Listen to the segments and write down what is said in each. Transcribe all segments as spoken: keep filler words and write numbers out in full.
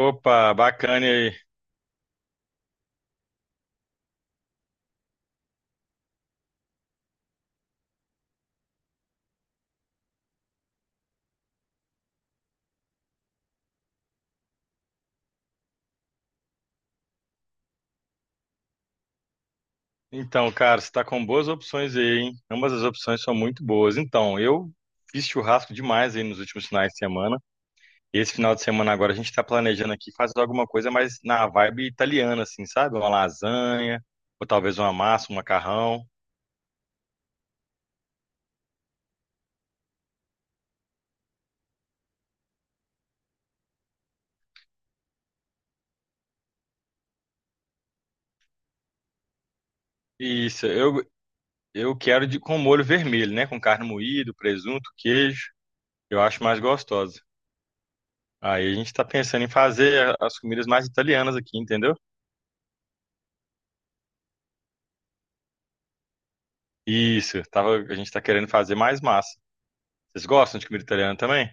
Opa, bacana aí. Então, cara, você tá com boas opções aí, hein? Ambas as opções são muito boas. Então, eu fiz churrasco demais aí nos últimos finais de semana. esse final de semana agora a gente tá planejando aqui fazer alguma coisa mais na vibe italiana, assim, sabe? Uma lasanha, ou talvez uma massa, um macarrão. Isso, eu, eu quero de, com molho vermelho, né? Com carne moída, presunto, queijo. Eu acho mais gostosa. Aí a gente tá pensando em fazer as comidas mais italianas aqui, entendeu? Isso, tava, a gente tá querendo fazer mais massa. Vocês gostam de comida italiana também?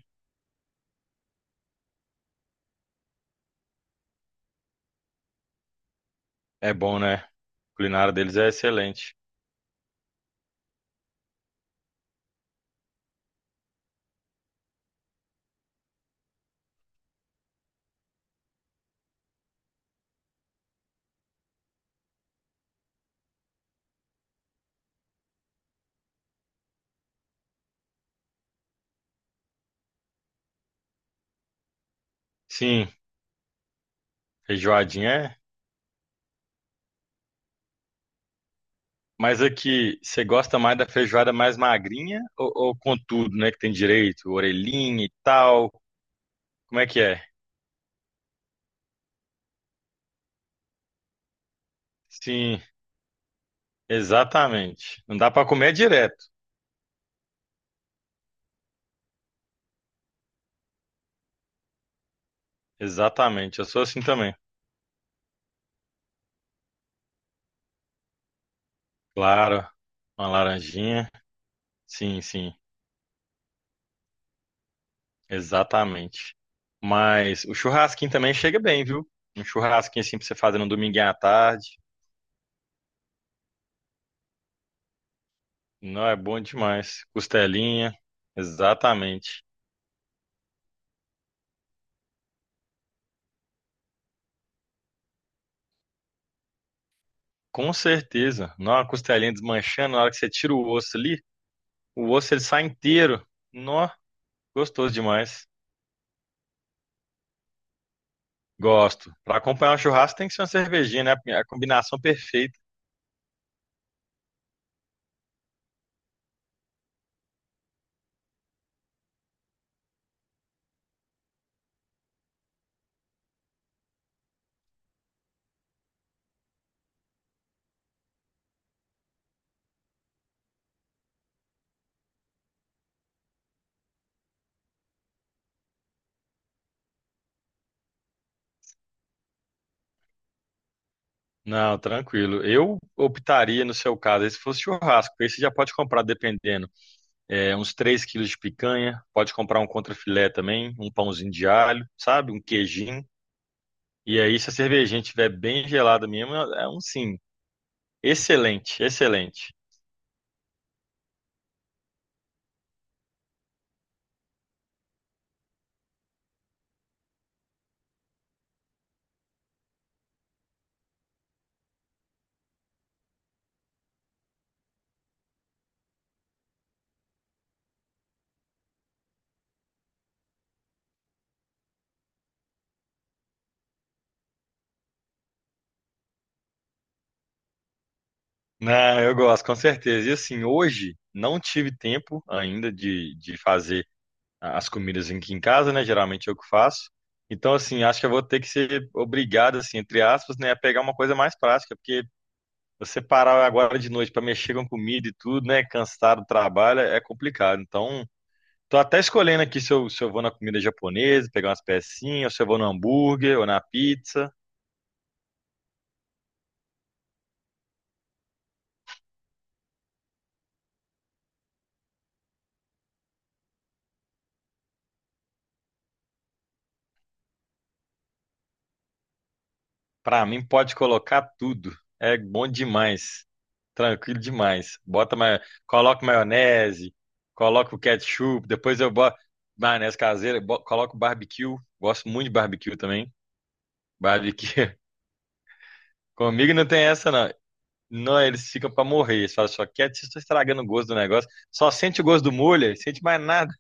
É bom, né? A culinária deles é excelente. Sim, feijoadinha é. Mas aqui, você gosta mais da feijoada mais magrinha ou, ou com tudo, né? Que tem direito, orelhinha e tal. Como é que é? Sim, exatamente. Não dá pra comer direto. Exatamente, eu sou assim também. Claro, uma laranjinha. Sim, sim. Exatamente. Mas o churrasquinho também chega bem, viu? Um churrasquinho assim pra você fazer no dominguinho à tarde. Não, é bom demais. Costelinha. Exatamente. Com certeza. Não, a costelinha desmanchando, na hora que você tira o osso ali, o osso ele sai inteiro. Nó, gostoso demais. Gosto. Pra acompanhar um churrasco tem que ser uma cervejinha, né? A combinação perfeita. Não, tranquilo. Eu optaria, no seu caso, aí se fosse churrasco, porque aí você já pode comprar dependendo. É, uns três quilos de picanha, pode comprar um contrafilé também, um pãozinho de alho, sabe? Um queijinho. E aí, se a cervejinha estiver bem gelada mesmo, é um sim. Excelente, excelente. Não, eu gosto, com certeza. E assim, hoje não tive tempo ainda de, de fazer as comidas aqui em casa, né? Geralmente eu que faço. Então, assim, acho que eu vou ter que ser obrigado, assim, entre aspas, né, a pegar uma coisa mais prática, porque você parar agora de noite para mexer com comida e tudo, né, cansado do trabalho, é complicado. Então, tô até escolhendo aqui se eu, se eu vou na comida japonesa, pegar umas pecinhas, ou se eu vou no hambúrguer ou na pizza. Pra mim, pode colocar tudo. É bom demais. Tranquilo demais. Bota ma... Coloca maionese, coloca o ketchup, depois eu boto maionese caseira, bo... coloco barbecue. Gosto muito de barbecue também. Barbecue. Comigo não tem essa, não. Não, eles ficam pra morrer. Eles falam só, quieto, vocês estão estragando o gosto do negócio. Só sente o gosto do molho, sente mais nada.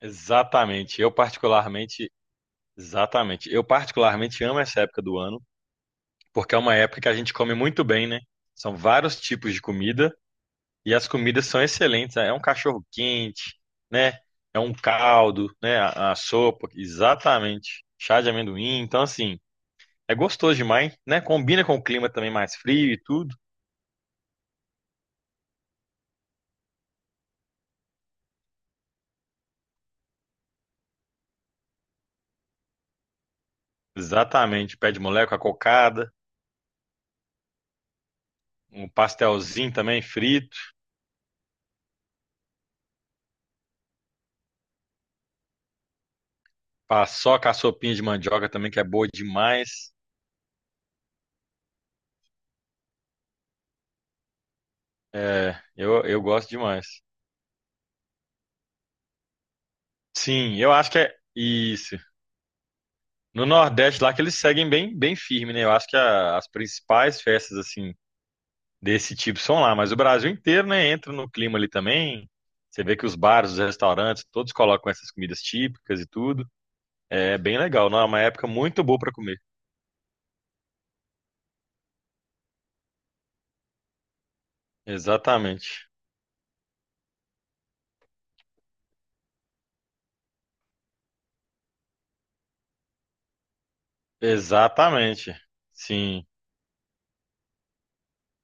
Exatamente. Eu particularmente, exatamente. Eu particularmente amo essa época do ano, porque é uma época que a gente come muito bem, né? São vários tipos de comida e as comidas são excelentes. É um cachorro quente, né? É um caldo, né? A, a sopa, exatamente. Chá de amendoim. Então, assim, é gostoso demais, né? Combina com o clima também mais frio e tudo. Exatamente. Pé de moleque, a cocada, um pastelzinho também frito, paçoca, a sopinha de mandioca também, que é boa demais. É, eu, eu gosto demais. Sim, eu acho que é isso. No Nordeste lá que eles seguem bem, bem firme, né? Eu acho que a- as principais festas assim desse tipo são lá, mas o Brasil inteiro, né, entra no clima ali também. Você vê que os bares, os restaurantes, todos colocam essas comidas típicas e tudo. É bem legal, não? É uma época muito boa para comer. Exatamente. Exatamente. Sim,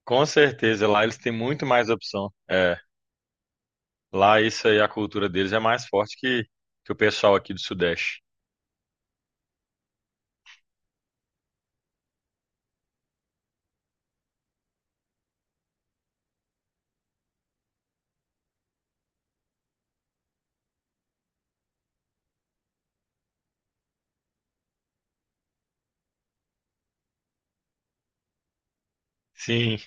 com certeza. Lá eles têm muito mais opção. É, lá isso aí, a cultura deles é mais forte que, que o pessoal aqui do Sudeste. Sim,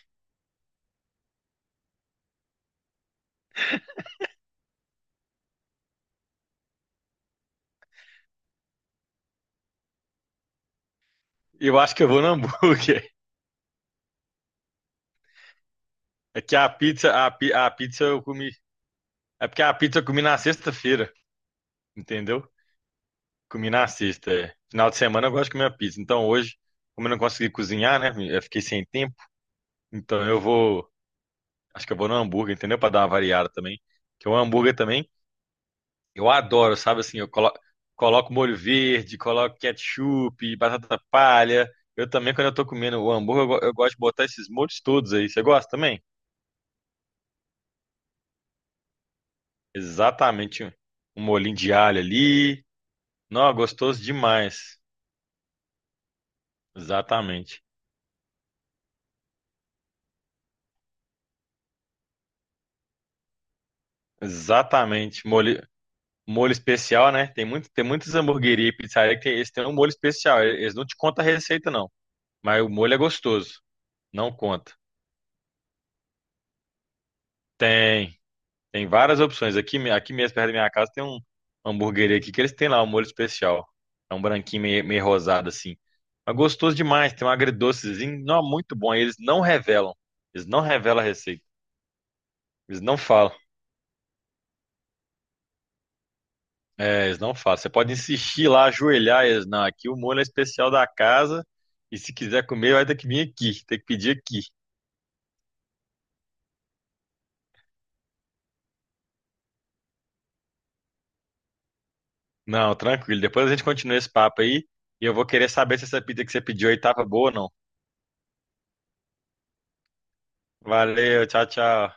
eu acho que eu vou no hambúrguer. É que a pizza, a, pi- a pizza eu comi. É porque a pizza eu comi na sexta-feira, entendeu? Comi na sexta. É. Final de semana eu gosto de comer a pizza. Então hoje, como eu não consegui cozinhar, né? Eu fiquei sem tempo. Então eu vou. Acho que eu vou no hambúrguer, entendeu? Pra dar uma variada também. Que o hambúrguer também, eu adoro, sabe assim? Eu colo... coloco molho verde, coloco ketchup, batata palha. Eu também, quando eu tô comendo o hambúrguer, eu, go- eu gosto de botar esses molhos todos aí. Você gosta também? Exatamente. Um molhinho de alho ali. Não, gostoso demais. Exatamente. Exatamente. Molho, molho especial, né? Tem muito, tem muitas hamburguerias e pizzaria que tem, eles têm um molho especial. Eles não te contam a receita, não. Mas o molho é gostoso. Não conta. Tem. Tem várias opções. Aqui, me- aqui mesmo, perto da minha casa, tem um uma hamburgueria aqui que eles têm lá um molho especial. É um branquinho meio, meio rosado, assim. Mas gostoso demais. Tem um agridocezinho. Não, muito bom. E eles não revelam. Eles não revelam a receita. Eles não falam. É, eles não falam. Você pode insistir lá, ajoelhar eles. Não, aqui o molho é especial da casa. E se quiser comer, vai ter que vir aqui. Tem que pedir aqui. Não, tranquilo. Depois a gente continua esse papo aí. E eu vou querer saber se essa pizza que você pediu aí tava boa ou não. Valeu, tchau, tchau.